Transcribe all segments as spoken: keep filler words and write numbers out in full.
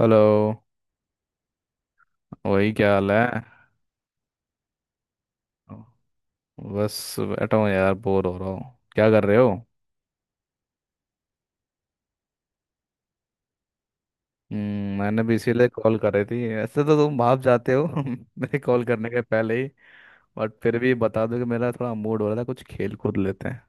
Hello. वही क्या हाल है। बस बैठा हूँ यार, बोर हो रहा हूँ। क्या कर रहे हो। हम्म, मैंने भी इसीलिए कॉल कर रही थी। ऐसे तो तुम भाप जाते हो मेरे कॉल करने के पहले ही। बट फिर भी बता दो कि मेरा थोड़ा मूड हो रहा था, कुछ खेल कूद लेते हैं।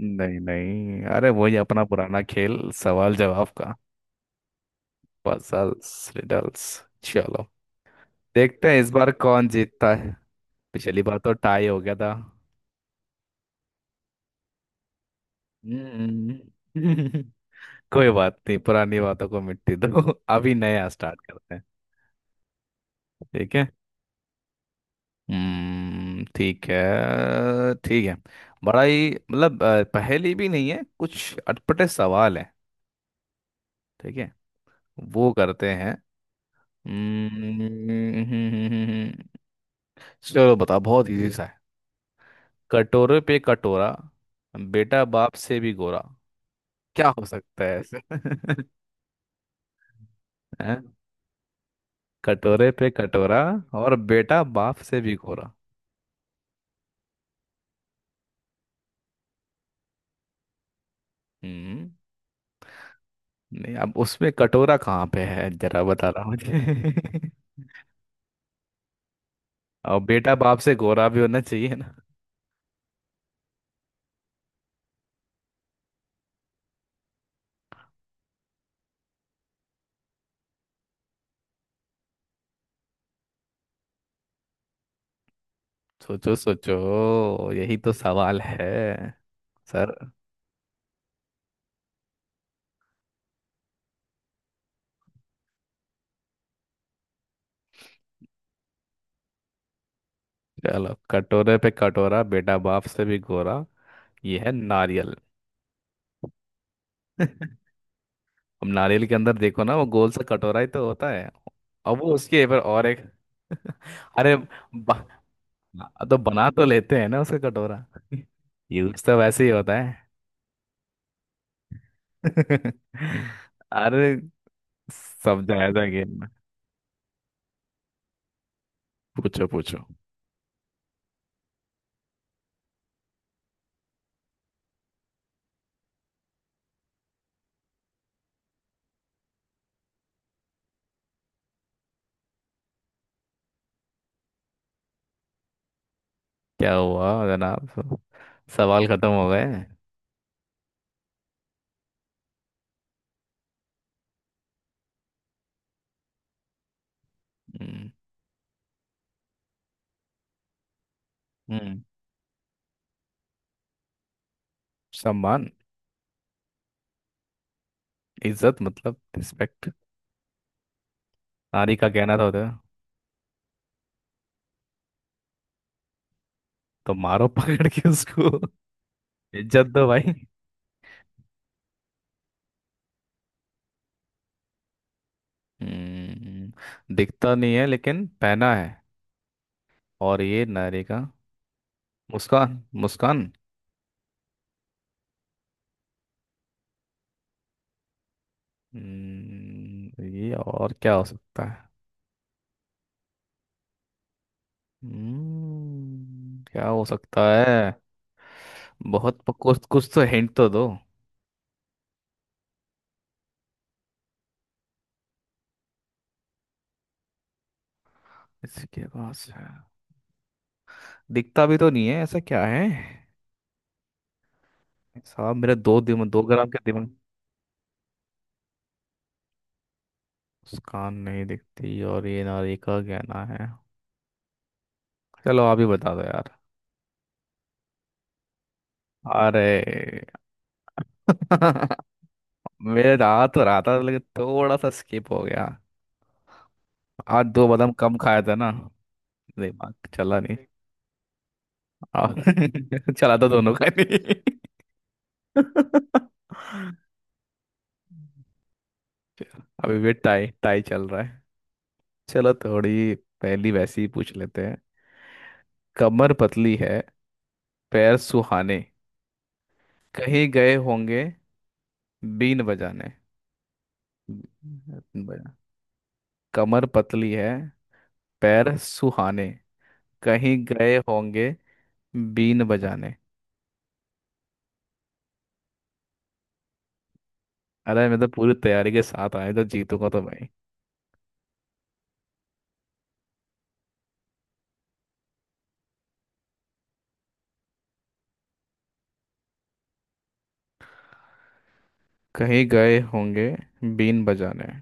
नहीं नहीं, अरे वही अपना पुराना खेल, सवाल जवाब का। Puzzles, riddles. चलो, देखते हैं इस बार कौन जीतता है। पिछली बार तो टाई हो गया था। हम्म। कोई बात नहीं, पुरानी बातों को मिट्टी दो। अभी नया स्टार्ट करते हैं। ठीक है। हम्म, ठीक है ठीक है। बड़ा ही मतलब अ, पहेली भी नहीं है, कुछ अटपटे सवाल है। ठीक है, वो करते हैं। हम्म, चलो बताओ, बहुत इजी सा है। कटोरे पे कटोरा, बेटा बाप से भी गोरा। क्या हो सकता है ऐसे। हैं? कटोरे पे कटोरा, और बेटा बाप से भी गोरा। हम्म। नहीं, अब उसमें कटोरा कहाँ पे है जरा बता रहा हूँ मुझे। और बेटा बाप से गोरा भी होना चाहिए ना। सोचो सोचो, यही तो सवाल है। सर, चलो कटोरे पे कटोरा बेटा बाप से भी गोरा, ये है नारियल। अब नारियल के अंदर देखो ना, वो गोल सा कटोरा ही तो होता है। अब वो उसके ऊपर और एक अरे ब... तो बना तो लेते हैं ना उसका कटोरा। यूज तो वैसे ही होता है। अरे, सब जायजा गेम में। पूछो पूछो। क्या हुआ जनाब, सवाल खत्म हो गए। हम्म हम्म, सम्मान, इज्जत मतलब रिस्पेक्ट। नारी का कहना था उधर, तो मारो पकड़ के उसको। इज्जत दो भाई। हम्म, दिखता नहीं है लेकिन पहना है, और ये नारी का मुस्कान मुस्कान। हम्म, ये और क्या हो सकता है। हम्म, क्या हो सकता है। बहुत प- कुछ कुछ तो हिंट तो दो। इसके पास है, दिखता भी तो नहीं है, ऐसा क्या है। साहब मेरा दो दिम दो ग्राम के दिमाग। मुस्कान नहीं दिखती, और ये नारी का गहना है। चलो आप ही बता दो यार। अरे। मेरे रात और आता था, लेकिन थोड़ा सा स्किप हो गया। आज दो बादाम कम खाया था ना, दिमाग चला नहीं। और- चला तो दोनों का नहीं। अभी भी टाई टाई चल रहा है। चलो थोड़ी पहली वैसी ही पूछ लेते हैं। कमर पतली है, पैर सुहाने, कहीं गए होंगे बीन बजाने। बीन बजा- कमर पतली है, पैर सुहाने, कहीं गए होंगे बीन बजाने। अरे मैं तो पूरी तैयारी के साथ आया, तो जीतूंगा तो भाई। कहीं गए होंगे बीन बजाने।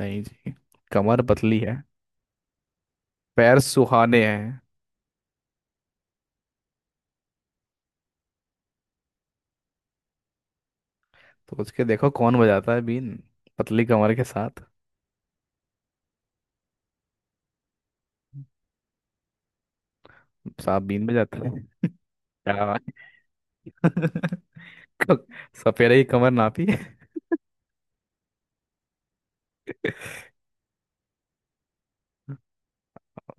नहीं जी, कमर पतली है, पैर सुहाने हैं। सोच के देखो कौन बजाता है बीन पतली कमर के साथ। सांप बीन में जाता है। क्या बात। क- सपेरे की कमर नापी।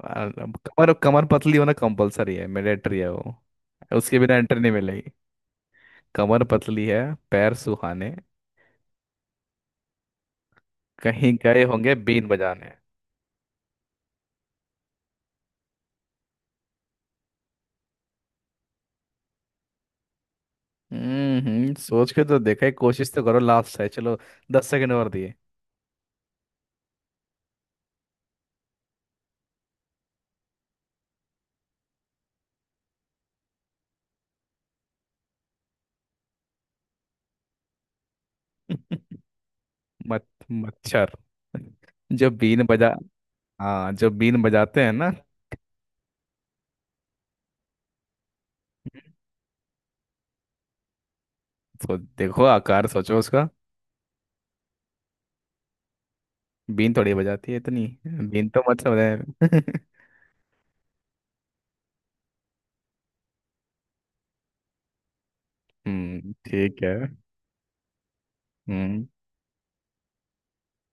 और कमर कमर पतली होना कंपलसरी है, मैंडेटरी है वो, उसके बिना एंट्री नहीं मिलेगी। कमर पतली है, पैर सुहाने, कहीं गए होंगे बीन बजाने। हम्म हम्म, सोच के तो देखा है, कोशिश तो करो, लास्ट है चलो, दस सेकंड और दिए। मत, मच्छर, जो बीन बजा। हाँ, जो बीन बजाते हैं ना, तो देखो आकार सोचो उसका। बीन थोड़ी बजाती है, इतनी बीन तो मत समझे। हम्म ठीक है। हम्म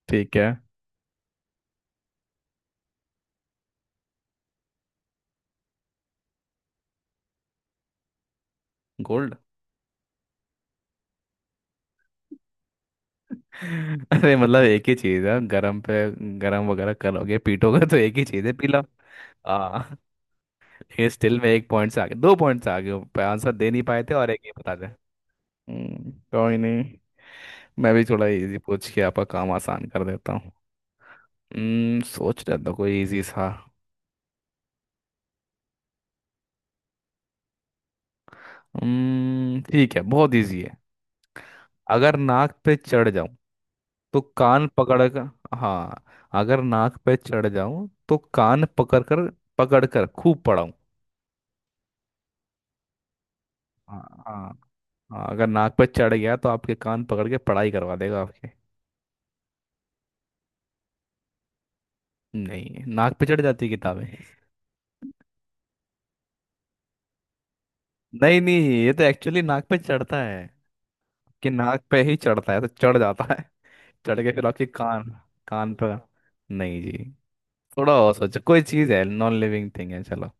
ठीक है। गोल्ड। अरे मतलब एक ही चीज है, गरम पे गरम वगैरह करोगे पीटोगे, तो एक ही चीज है, पीला। आ, ये स्टिल में एक पॉइंट से आगे, दो पॉइंट से आगे हो। पे आंसर दे नहीं पाए थे, और एक ही बता दे। हम्म, कोई नहीं। मैं भी थोड़ा इजी पूछ के आपका काम आसान कर देता हूँ। हम्म, सोच रहा था कोई इजी सा। हम्म ठीक है, बहुत इजी है। अगर नाक पे चढ़ जाऊं तो कान पकड़ कर। हाँ, अगर नाक पे चढ़ जाऊं तो कान पकड़ कर, पकड़ कर खूब पढ़ाऊं। हाँ। हाँ। हाँ, अगर नाक पे चढ़ गया तो आपके कान पकड़ के पढ़ाई करवा देगा आपके। नहीं, नाक पे चढ़ जाती है किताबें। नहीं नहीं, ये तो एक्चुअली नाक पे चढ़ता है, कि नाक पे ही चढ़ता है तो चढ़ जाता है। चढ़ के फिर आपके कान, कान पर। नहीं जी, थोड़ा और सोचो, कोई चीज है, नॉन लिविंग थिंग है चलो।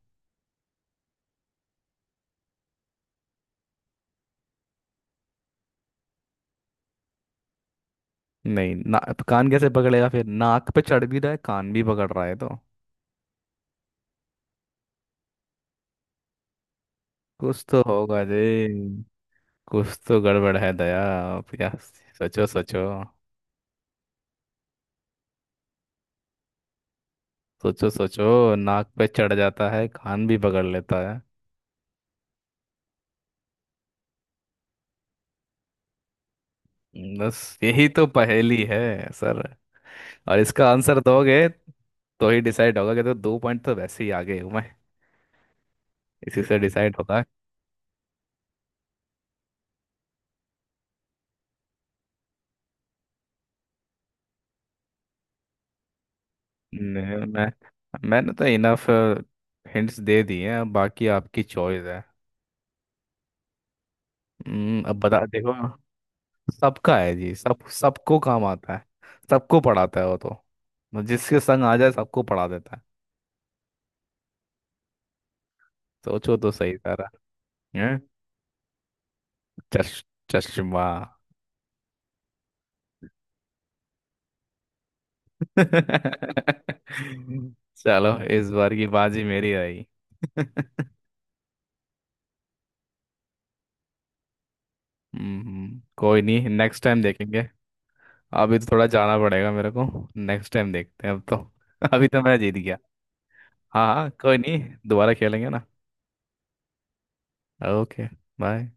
नहीं ना तो कान कैसे पकड़ेगा, फिर नाक पे चढ़ भी रहा है, कान भी पकड़ रहा है तो कुछ तो होगा जी। कुछ तो गड़बड़ है दया आप या। सोचो सोचो, सोचो सोचो, नाक पे चढ़ जाता है, कान भी पकड़ लेता है। बस यही तो पहेली है। सर, और इसका आंसर दोगे तो ही डिसाइड होगा कि, तो दो पॉइंट तो वैसे ही आगे हूँ मैं, इसी से डिसाइड होगा। नहीं मैं मैंने तो इनफ हिंट्स दे दिए हैं, अब बाकी आपकी चॉइस है। हम्म, अब बता देखो। सबका है जी, सब सबको काम आता है। सबको पढ़ाता है वो तो, जिसके संग आ जाए सबको पढ़ा देता है। सोचो तो सही सारा। हैं? चश चश्मा। चलो इस बार की बाजी मेरी रही। हम्म, कोई नहीं, नेक्स्ट टाइम देखेंगे। अभी तो थोड़ा जाना पड़ेगा मेरे को। नेक्स्ट टाइम देखते हैं अब तो। अभी तो मैं जीत गया। हाँ हाँ, कोई नहीं, दोबारा खेलेंगे ना। Okay, bye.